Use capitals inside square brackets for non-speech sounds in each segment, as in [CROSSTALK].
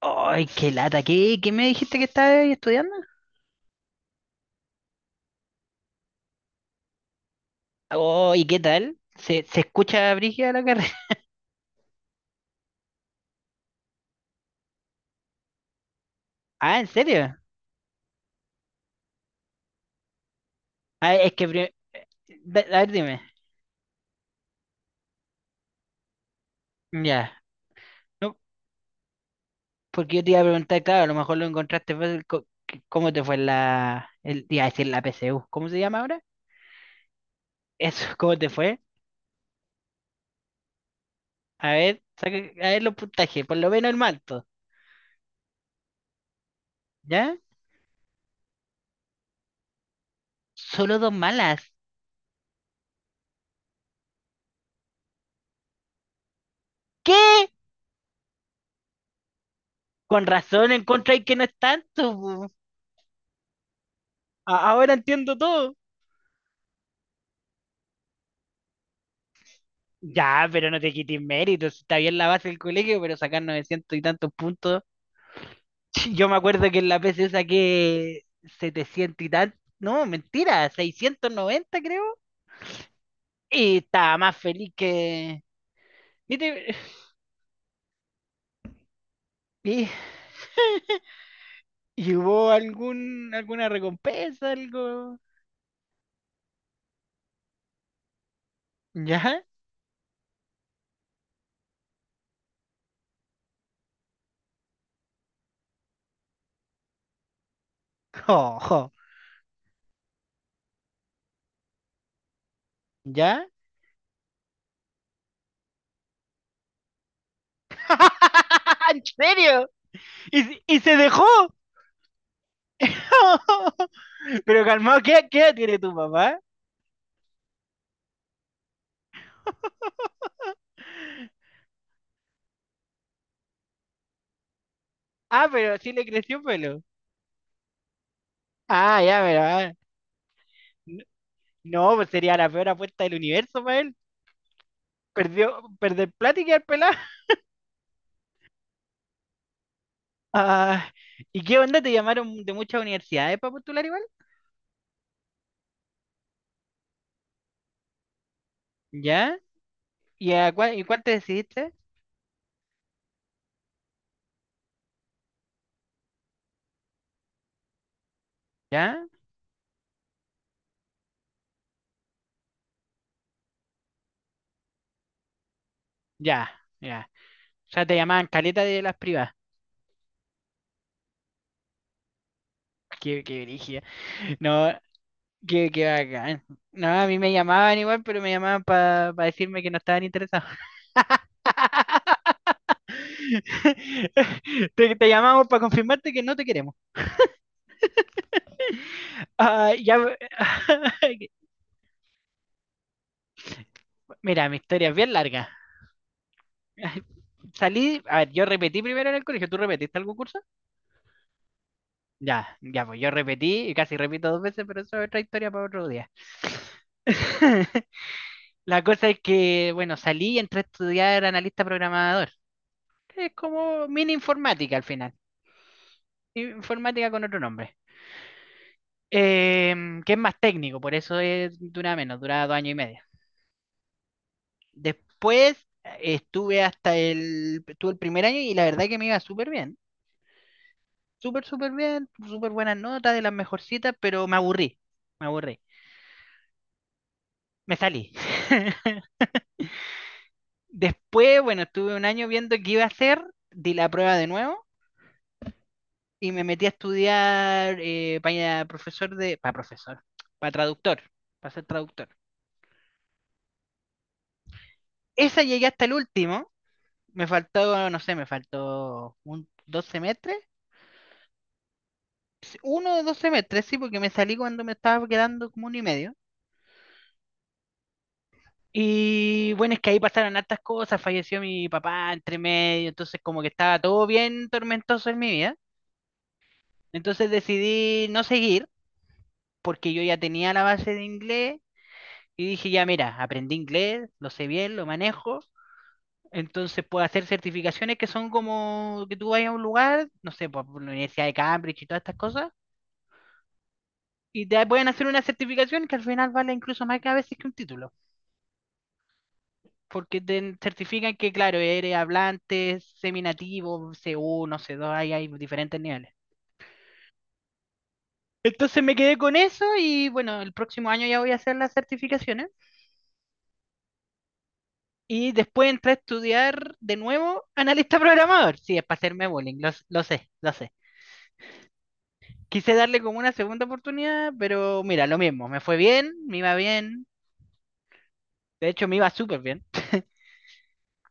Ay, qué lata. ¿Qué me dijiste que estabas estudiando? Oh, ¿y qué tal? ¿Se escucha brígida la carrera? [LAUGHS] Ah, ¿en serio? Ah, es que... A ver, dime. Ya. No, porque yo te iba a preguntar, claro, a lo mejor lo encontraste fácil. ¿Cómo te fue la... El, iba a decir la PSU. ¿Cómo se llama ahora? [LAUGHS] Eso, ¿cómo te fue? A ver, saca, a ver los puntajes. Por lo menos el manto. ¿Ya? Solo dos malas. ¿Qué? Con razón encontré que no es tanto, po. A- Ahora entiendo todo. Ya, pero no te quites méritos, si está bien la base del colegio, pero sacar 900 y tantos puntos. [LAUGHS] Yo me acuerdo que en la PC saqué 700 y tantos. No, mentira, 690 creo. Y estaba más feliz que... ¿Viste? [SIGHS] ¿Y, y hubo algún, alguna recompensa, algo? ¿Ya? Ojo, ¿ya? [LAUGHS] ¿En serio? ¿Y se dejó? [LAUGHS] Pero calmado, ¿qué edad tiene tu papá? Ah, pero sí le creció pelo. Ah, ya, pero n- no, pues sería la peor apuesta del universo para él. Perdió, perder plata y quedar pelado. [LAUGHS] Ah, ¿y qué onda? ¿Te llamaron de muchas universidades para postular igual? ¿Ya? ¿Y y cuál te decidiste? ¿Ya? Ya, ya. O sea, te llamaban caleta de las privadas. [LAUGHS] Qué brígida. No, qué bacán. No, a mí me llamaban igual, pero me llamaban para decirme que no estaban interesados. [LAUGHS] Te llamamos para confirmarte que no te queremos. Ah, ya, [LAUGHS] mira, mi historia es bien larga. [LAUGHS] Salí, a ver, yo repetí primero en el colegio. ¿Tú repetiste algún curso? Ya, ya, pues yo repetí y casi repito dos veces, pero eso es otra historia para otro día. [LAUGHS] La cosa es que, bueno, salí y entré a estudiar analista programador. Es como mini informática al final. Informática con otro nombre. Que es más técnico, por eso es, dura menos, dura dos años y medio. Después estuve hasta el, estuve el primer año y la verdad que me iba súper bien. Súper, súper bien, súper buenas notas, de las mejorcitas, pero me aburrí. Me salí. [LAUGHS] Después, bueno, estuve un año viendo qué iba a hacer, di la prueba de nuevo y me metí a estudiar para profesor de, para profesor, para traductor, para ser traductor. Esa llegué hasta el último, me faltó, no sé, me faltó dos semestres. Sí, uno de dos semestres, sí, porque me salí cuando me estaba quedando como uno y medio. Y bueno, es que ahí pasaron hartas cosas, falleció mi papá entre medio, entonces como que estaba todo bien tormentoso en mi vida. Entonces decidí no seguir, porque yo ya tenía la base de inglés y dije, ya mira, aprendí inglés, lo sé bien, lo manejo. Entonces puedo hacer certificaciones que son como que tú vayas a un lugar, no sé, por la Universidad de Cambridge y todas estas cosas, y te pueden hacer una certificación que al final vale incluso más que a veces que un título. Porque te certifican que, claro, eres hablante, seminativo, C1, C2, ahí hay diferentes niveles. Entonces me quedé con eso y bueno, el próximo año ya voy a hacer las certificaciones y después entré a estudiar de nuevo analista programador. Sí, es para hacerme bullying, lo sé, lo sé. Quise darle como una segunda oportunidad, pero mira, lo mismo, me fue bien, me iba bien, de hecho me iba súper bien,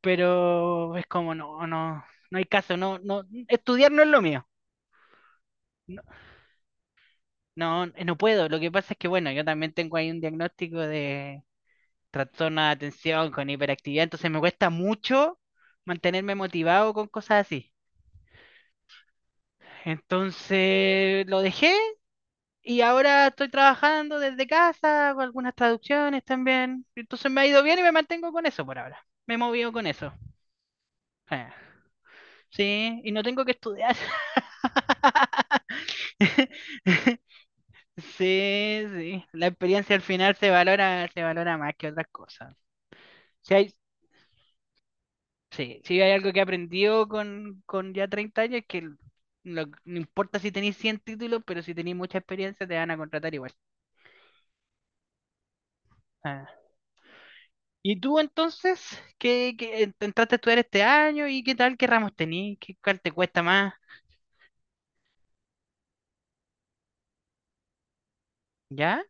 pero es como no, no, no hay caso, no, no, estudiar no es lo mío. No, no puedo. Lo que pasa es que, bueno, yo también tengo ahí un diagnóstico de trastorno de atención con hiperactividad, entonces me cuesta mucho mantenerme motivado con cosas así. Entonces lo dejé y ahora estoy trabajando desde casa, hago algunas traducciones también. Entonces me ha ido bien y me mantengo con eso por ahora. Me he movido con eso. Ah, sí, y no tengo que estudiar. [LAUGHS] Sí, sí. La experiencia al final se valora más que otras cosas. Si hay, Sí, sí, hay algo que he aprendido con, ya 30 años, que no importa si tenéis 100 títulos, pero si tenéis mucha experiencia te van a contratar igual. Ah. ¿Y tú entonces? ¿Entraste a estudiar este año y qué tal? ¿Qué ramos tenías? ¿Qué, cuál te cuesta más? ¿Ya?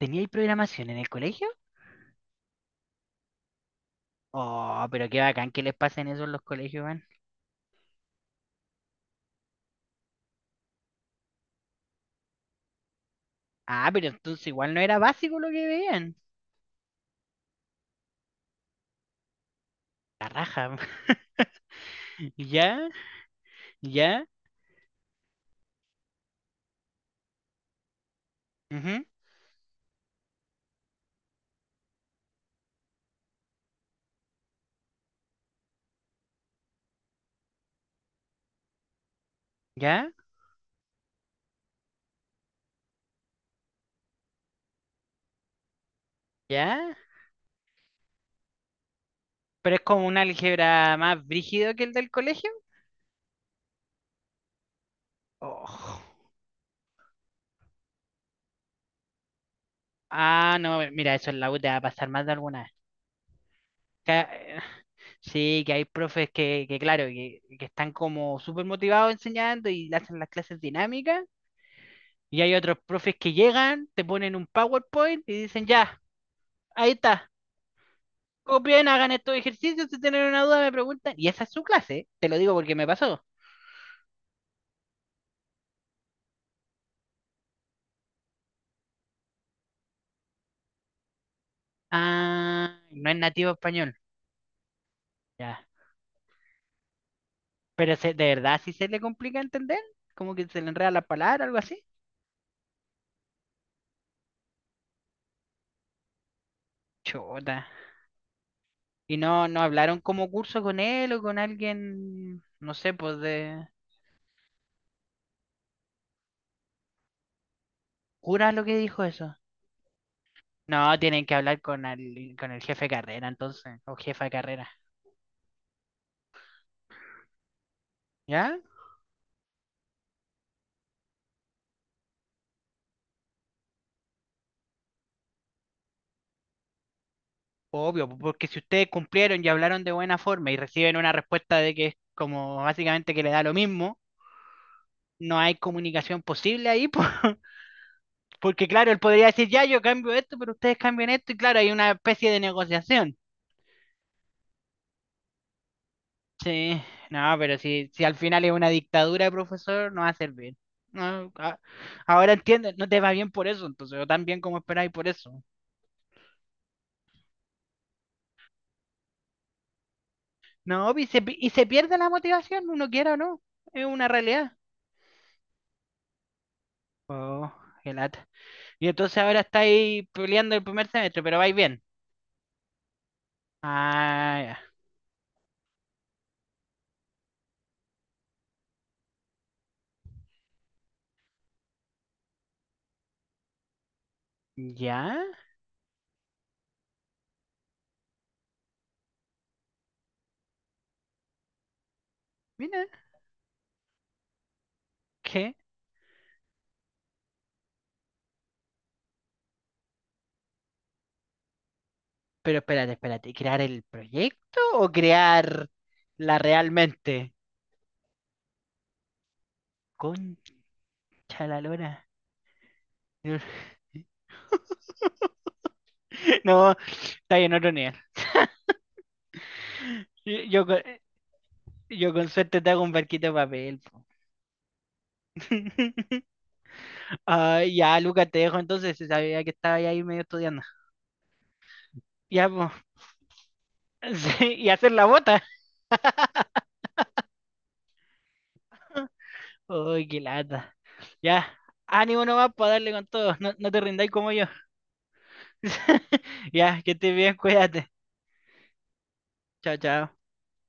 ¿Teníais programación en el colegio? Oh, pero qué bacán que les pasen eso en los colegios, man. Ah, pero entonces igual no era básico lo que veían. La raja. [LAUGHS] ¿Ya? ¿Ya? Ujú. ¿Ya? ¿Ya? Pero es como un álgebra más brígido que el del colegio. Oh. Ah, no, mira, eso en la U te va a pasar más de alguna vez. Ca- eh, Sí, que hay profes que claro, que están como súper motivados enseñando y hacen las clases dinámicas. Y hay otros profes que llegan, te ponen un PowerPoint y dicen, ya, ahí está, copien, hagan estos ejercicios, si tienen una duda me preguntan. Y esa es su clase, te lo digo porque me pasó. Ah, no es nativo español. Ya. Pero de verdad sí se le complica entender, como que se le enreda la palabra, algo así. Chota. Y no, no hablaron como curso con él o con alguien, no sé, pues de cura lo que dijo eso. No, tienen que hablar con el jefe de carrera entonces, o jefa de carrera. ¿Ya? Obvio, po- porque si ustedes cumplieron y hablaron de buena forma y reciben una respuesta de que es como básicamente que le da lo mismo, no hay comunicación posible ahí, pues. [LAUGHS] Porque claro, él podría decir, ya yo cambio esto, pero ustedes cambian esto, y claro, hay una especie de negociación. Sí, no, pero si, si al final es una dictadura de profesor, no va a servir. No, a- ahora entiendes, no te va bien por eso, entonces, o tan bien como esperáis por eso. No, y se pierde la motivación, uno quiera o no, es una realidad. Oh, qué lata. Y entonces ahora estáis peleando el primer semestre, pero vais bien. Ah, ya. ¿Ya? Mira, ¿qué? Pero espérate, espérate, ¿crear el proyecto o crear la realmente? Concha la lora. [LAUGHS] No, está bien, otro nivel. Yo, yo con yo con suerte te hago un barquito de papel, po. [LAUGHS] Ah, ya, Lucas, te dejo entonces, si sabía que estaba ahí medio estudiando. Ya, pues. [LAUGHS] Y hacer la bota. Uy, qué lata. Ya, ánimo nomás para darle con todo. No, no te rindáis como yo. [LAUGHS] Ya, que estés bien, cuídate. Chao, chao.